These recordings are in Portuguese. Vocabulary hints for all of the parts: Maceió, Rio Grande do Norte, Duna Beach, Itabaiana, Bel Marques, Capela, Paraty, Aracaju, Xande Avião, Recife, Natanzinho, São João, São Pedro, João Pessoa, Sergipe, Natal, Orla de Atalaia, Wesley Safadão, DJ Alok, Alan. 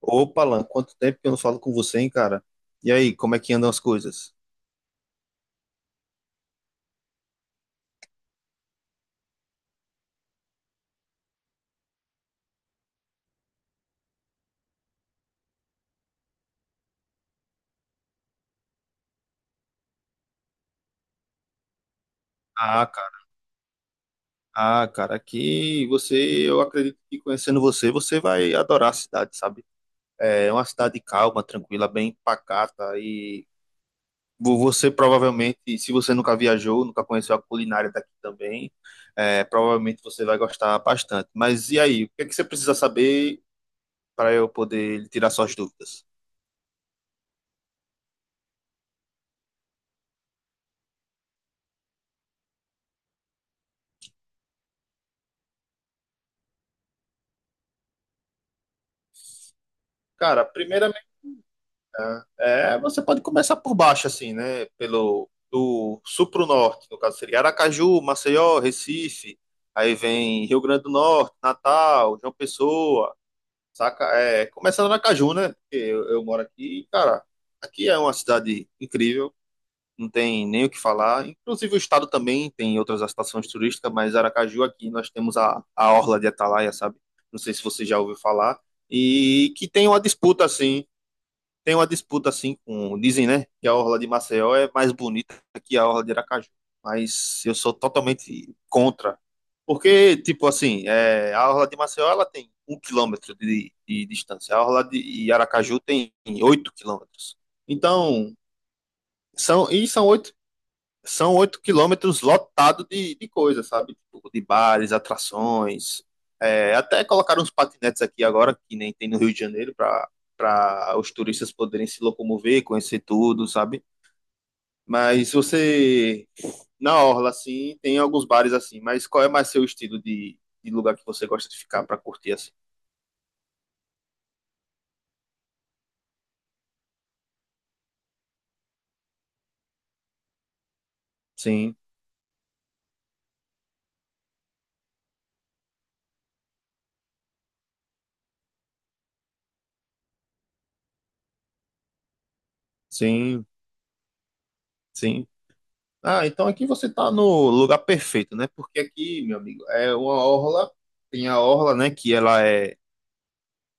Opa, Alan, quanto tempo que eu não falo com você, hein, cara? E aí, como é que andam as coisas? Ah, cara, ah, cara, aqui você, eu acredito que conhecendo você, você vai adorar a cidade, sabe? É uma cidade calma, tranquila, bem pacata e você provavelmente, se você nunca viajou, nunca conheceu a culinária daqui também, provavelmente você vai gostar bastante. Mas e aí, o que é que você precisa saber para eu poder tirar suas dúvidas? Cara, primeiramente é, você pode começar por baixo, assim, né? Pelo do sul para o norte, no caso seria Aracaju, Maceió, Recife, aí vem Rio Grande do Norte, Natal, João Pessoa, saca? É, começando Aracaju, né? Porque eu moro aqui, e, cara, aqui é uma cidade incrível, não tem nem o que falar. Inclusive o estado também tem outras atrações turísticas, mas Aracaju aqui nós temos a Orla de Atalaia, sabe? Não sei se você já ouviu falar. E que tem uma disputa assim, tem uma disputa assim com. Dizem, né, que a orla de Maceió é mais bonita que a orla de Aracaju. Mas eu sou totalmente contra. Porque, tipo assim, é, a orla de Maceió ela tem um quilômetro de distância. A orla de Aracaju tem oito quilômetros. Então, são, e são oito, são oito quilômetros lotado de coisa, sabe? Tipo, de bares, atrações. É, até colocaram uns patinetes aqui agora, que nem tem no Rio de Janeiro, para os turistas poderem se locomover, conhecer tudo, sabe? Mas você, na orla, assim, tem alguns bares assim, mas qual é mais seu estilo de lugar que você gosta de ficar para curtir assim? Sim, sim, sim. Ah, então aqui você tá no lugar perfeito, né? Porque aqui, meu amigo, é uma orla, tem a orla, né, que ela é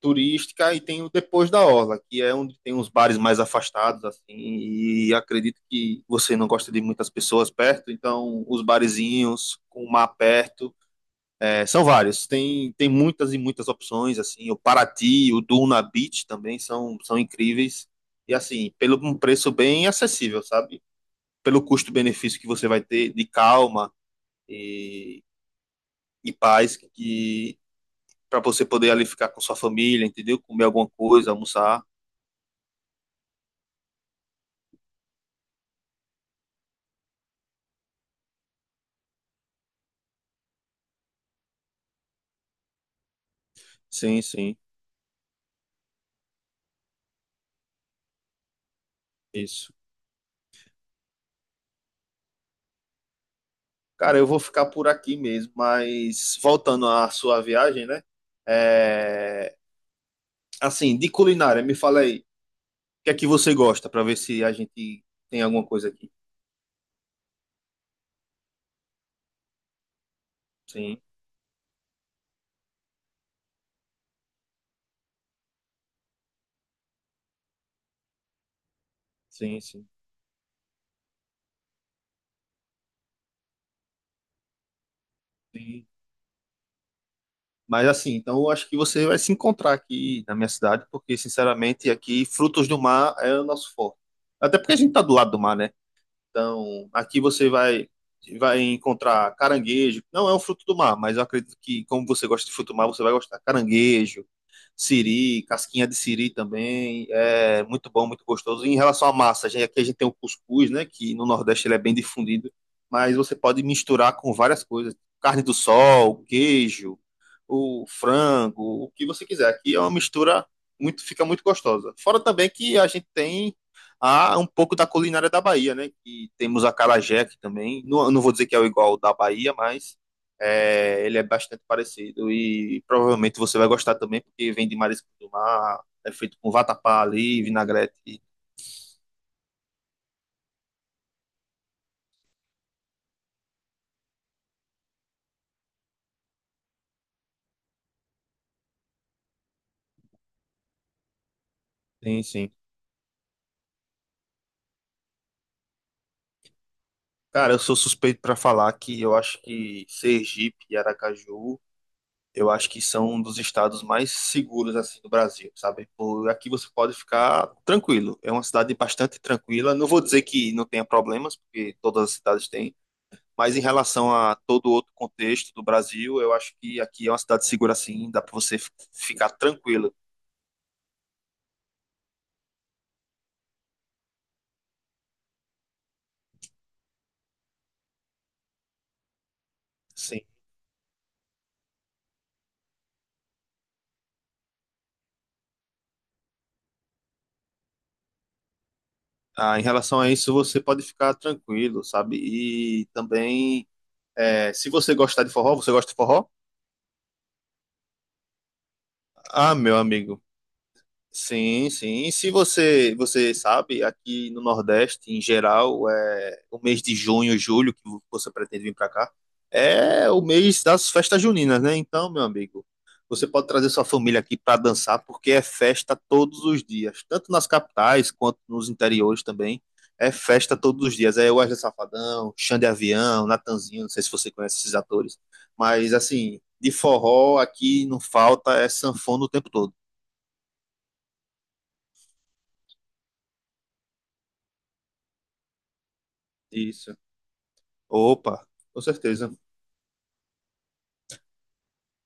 turística e tem o Depois da Orla, que é onde tem uns bares mais afastados, assim, e acredito que você não gosta de muitas pessoas perto, então os barezinhos com o mar perto, é, são vários, tem muitas e muitas opções, assim, o Paraty, o Duna Beach também são incríveis, e assim, pelo um preço bem acessível, sabe? Pelo custo-benefício que você vai ter de calma e, e paz, que para você poder ali ficar com sua família, entendeu? Comer alguma coisa, almoçar. Sim, sim, isso. Cara, eu vou ficar por aqui mesmo, mas voltando à sua viagem, né? É, assim, de culinária, me fala aí, o que é que você gosta, para ver se a gente tem alguma coisa aqui. Sim, sim, sim, sim. Mas assim, então eu acho que você vai se encontrar aqui na minha cidade, porque sinceramente aqui frutos do mar é o nosso forte. Até porque a gente tá do lado do mar, né? Então, aqui você vai encontrar caranguejo. Não é um fruto do mar, mas eu acredito que como você gosta de fruto do mar, você vai gostar. Caranguejo, siri, casquinha de siri também. É muito bom, muito gostoso. Em relação à massa, a gente, aqui a gente tem o cuscuz, né, que no Nordeste ele é bem difundido, mas você pode misturar com várias coisas, carne do sol, queijo, o frango, o que você quiser. Aqui é uma mistura muito, fica muito gostosa. Fora também que a gente tem a um pouco da culinária da Bahia, né? E temos a acarajé aqui também. Não, eu não vou dizer que é o igual ao da Bahia, mas é, ele é bastante parecido e provavelmente você vai gostar também, porque vem de marisco do mar, é feito com vatapá ali, vinagrete. Sim, sim. Cara, eu sou suspeito para falar que eu acho que Sergipe e Aracaju eu acho que são um dos estados mais seguros assim do Brasil, sabe? Por aqui você pode ficar tranquilo. É uma cidade bastante tranquila. Não vou dizer que não tenha problemas, porque todas as cidades têm, mas em relação a todo outro contexto do Brasil, eu acho que aqui é uma cidade segura assim, dá para você ficar tranquilo. Sim. Ah, em relação a isso, você pode ficar tranquilo, sabe? E também, é, se você gostar de forró, você gosta de forró? Ah, meu amigo. Sim, sim. E se você, você sabe, aqui no Nordeste, em geral, é o mês de junho, julho, que você pretende vir para cá, é o mês das festas juninas, né? Então, meu amigo, você pode trazer sua família aqui para dançar, porque é festa todos os dias, tanto nas capitais quanto nos interiores também. É festa todos os dias. É Wesley Safadão, Xande Avião, Natanzinho, não sei se você conhece esses atores, mas assim, de forró aqui não falta, é sanfona o tempo todo. Isso. Opa, com certeza.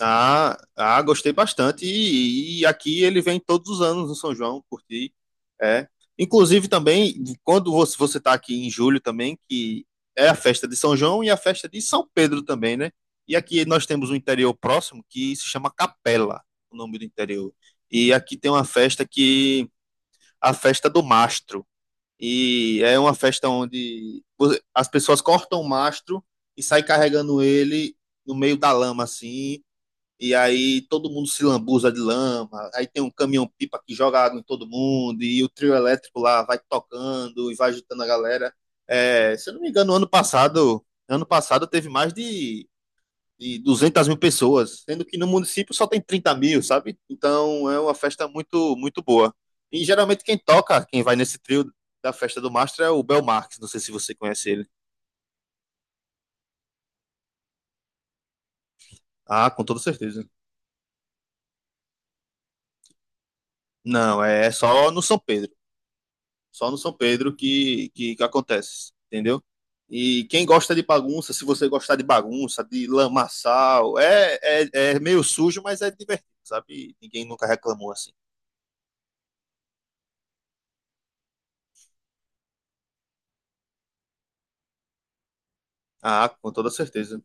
Ah, ah, gostei bastante. E aqui ele vem todos os anos no São João, curti. É. Inclusive também, quando você está aqui em julho também, que é a festa de São João e a festa de São Pedro também, né? E aqui nós temos um interior próximo que se chama Capela, o nome do interior. E aqui tem uma festa que a festa do mastro. E é uma festa onde as pessoas cortam o mastro e saem carregando ele no meio da lama, assim. E aí todo mundo se lambuza de lama. Aí tem um caminhão-pipa que joga água em todo mundo. E o trio elétrico lá vai tocando e vai agitando a galera. É, se eu não me engano, ano passado teve mais de 200.000 pessoas, sendo que no município só tem 30.000, sabe? Então é uma festa muito, muito boa. E geralmente quem toca, quem vai nesse trio da festa do Mastro é o Bel Marques, não sei se você conhece ele. Ah, com toda certeza. Não, é só no São Pedro, só no São Pedro que acontece, entendeu? E quem gosta de bagunça, se você gostar de bagunça, de lamaçal, é, é meio sujo, mas é divertido, sabe? Ninguém nunca reclamou assim. Ah, com toda certeza.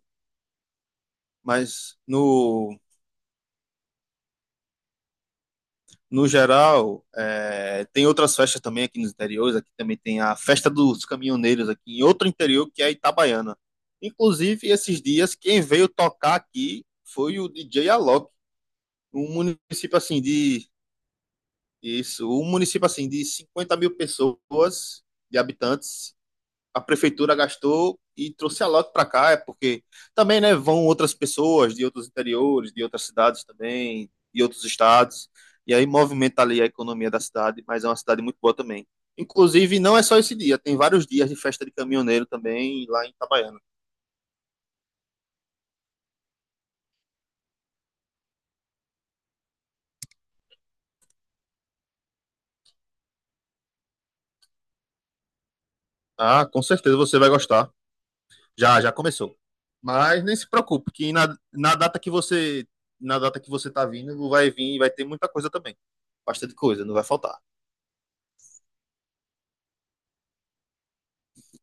Mas no geral, é, tem outras festas também aqui nos interiores. Aqui também tem a Festa dos Caminhoneiros, aqui em outro interior, que é a Itabaiana. Inclusive, esses dias, quem veio tocar aqui foi o DJ Alok, um município assim de. Isso, um município assim de 50 mil pessoas, de habitantes, a prefeitura gastou e trouxe a lote para cá, é porque também, né, vão outras pessoas de outros interiores, de outras cidades também, de outros estados, e aí movimenta ali a economia da cidade, mas é uma cidade muito boa também. Inclusive, não é só esse dia, tem vários dias de festa de caminhoneiro também lá em Itabaiana. Ah, com certeza você vai gostar. Já, já começou. Mas nem se preocupe, que na data que você, na data que você tá vindo, vai vir, vai ter muita coisa também. Bastante coisa, não vai faltar.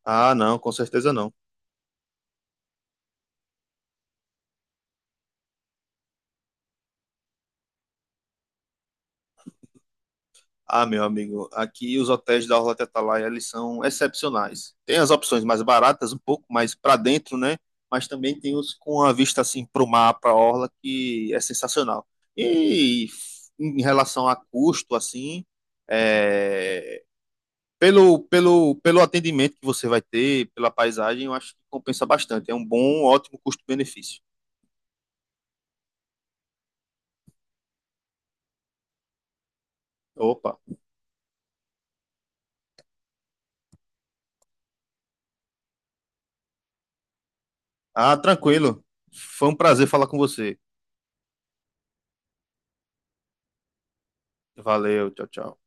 Ah, não, com certeza não. Ah, meu amigo, aqui os hotéis da Orla Tetalai, eles são excepcionais. Tem as opções mais baratas, um pouco mais para dentro, né? Mas também tem os com a vista assim para o mar, para a orla, que é sensacional. E em relação a custo, assim, é, pelo atendimento que você vai ter, pela paisagem, eu acho que compensa bastante. É um bom, ótimo custo-benefício. Opa. Ah, tranquilo. Foi um prazer falar com você. Valeu, tchau, tchau.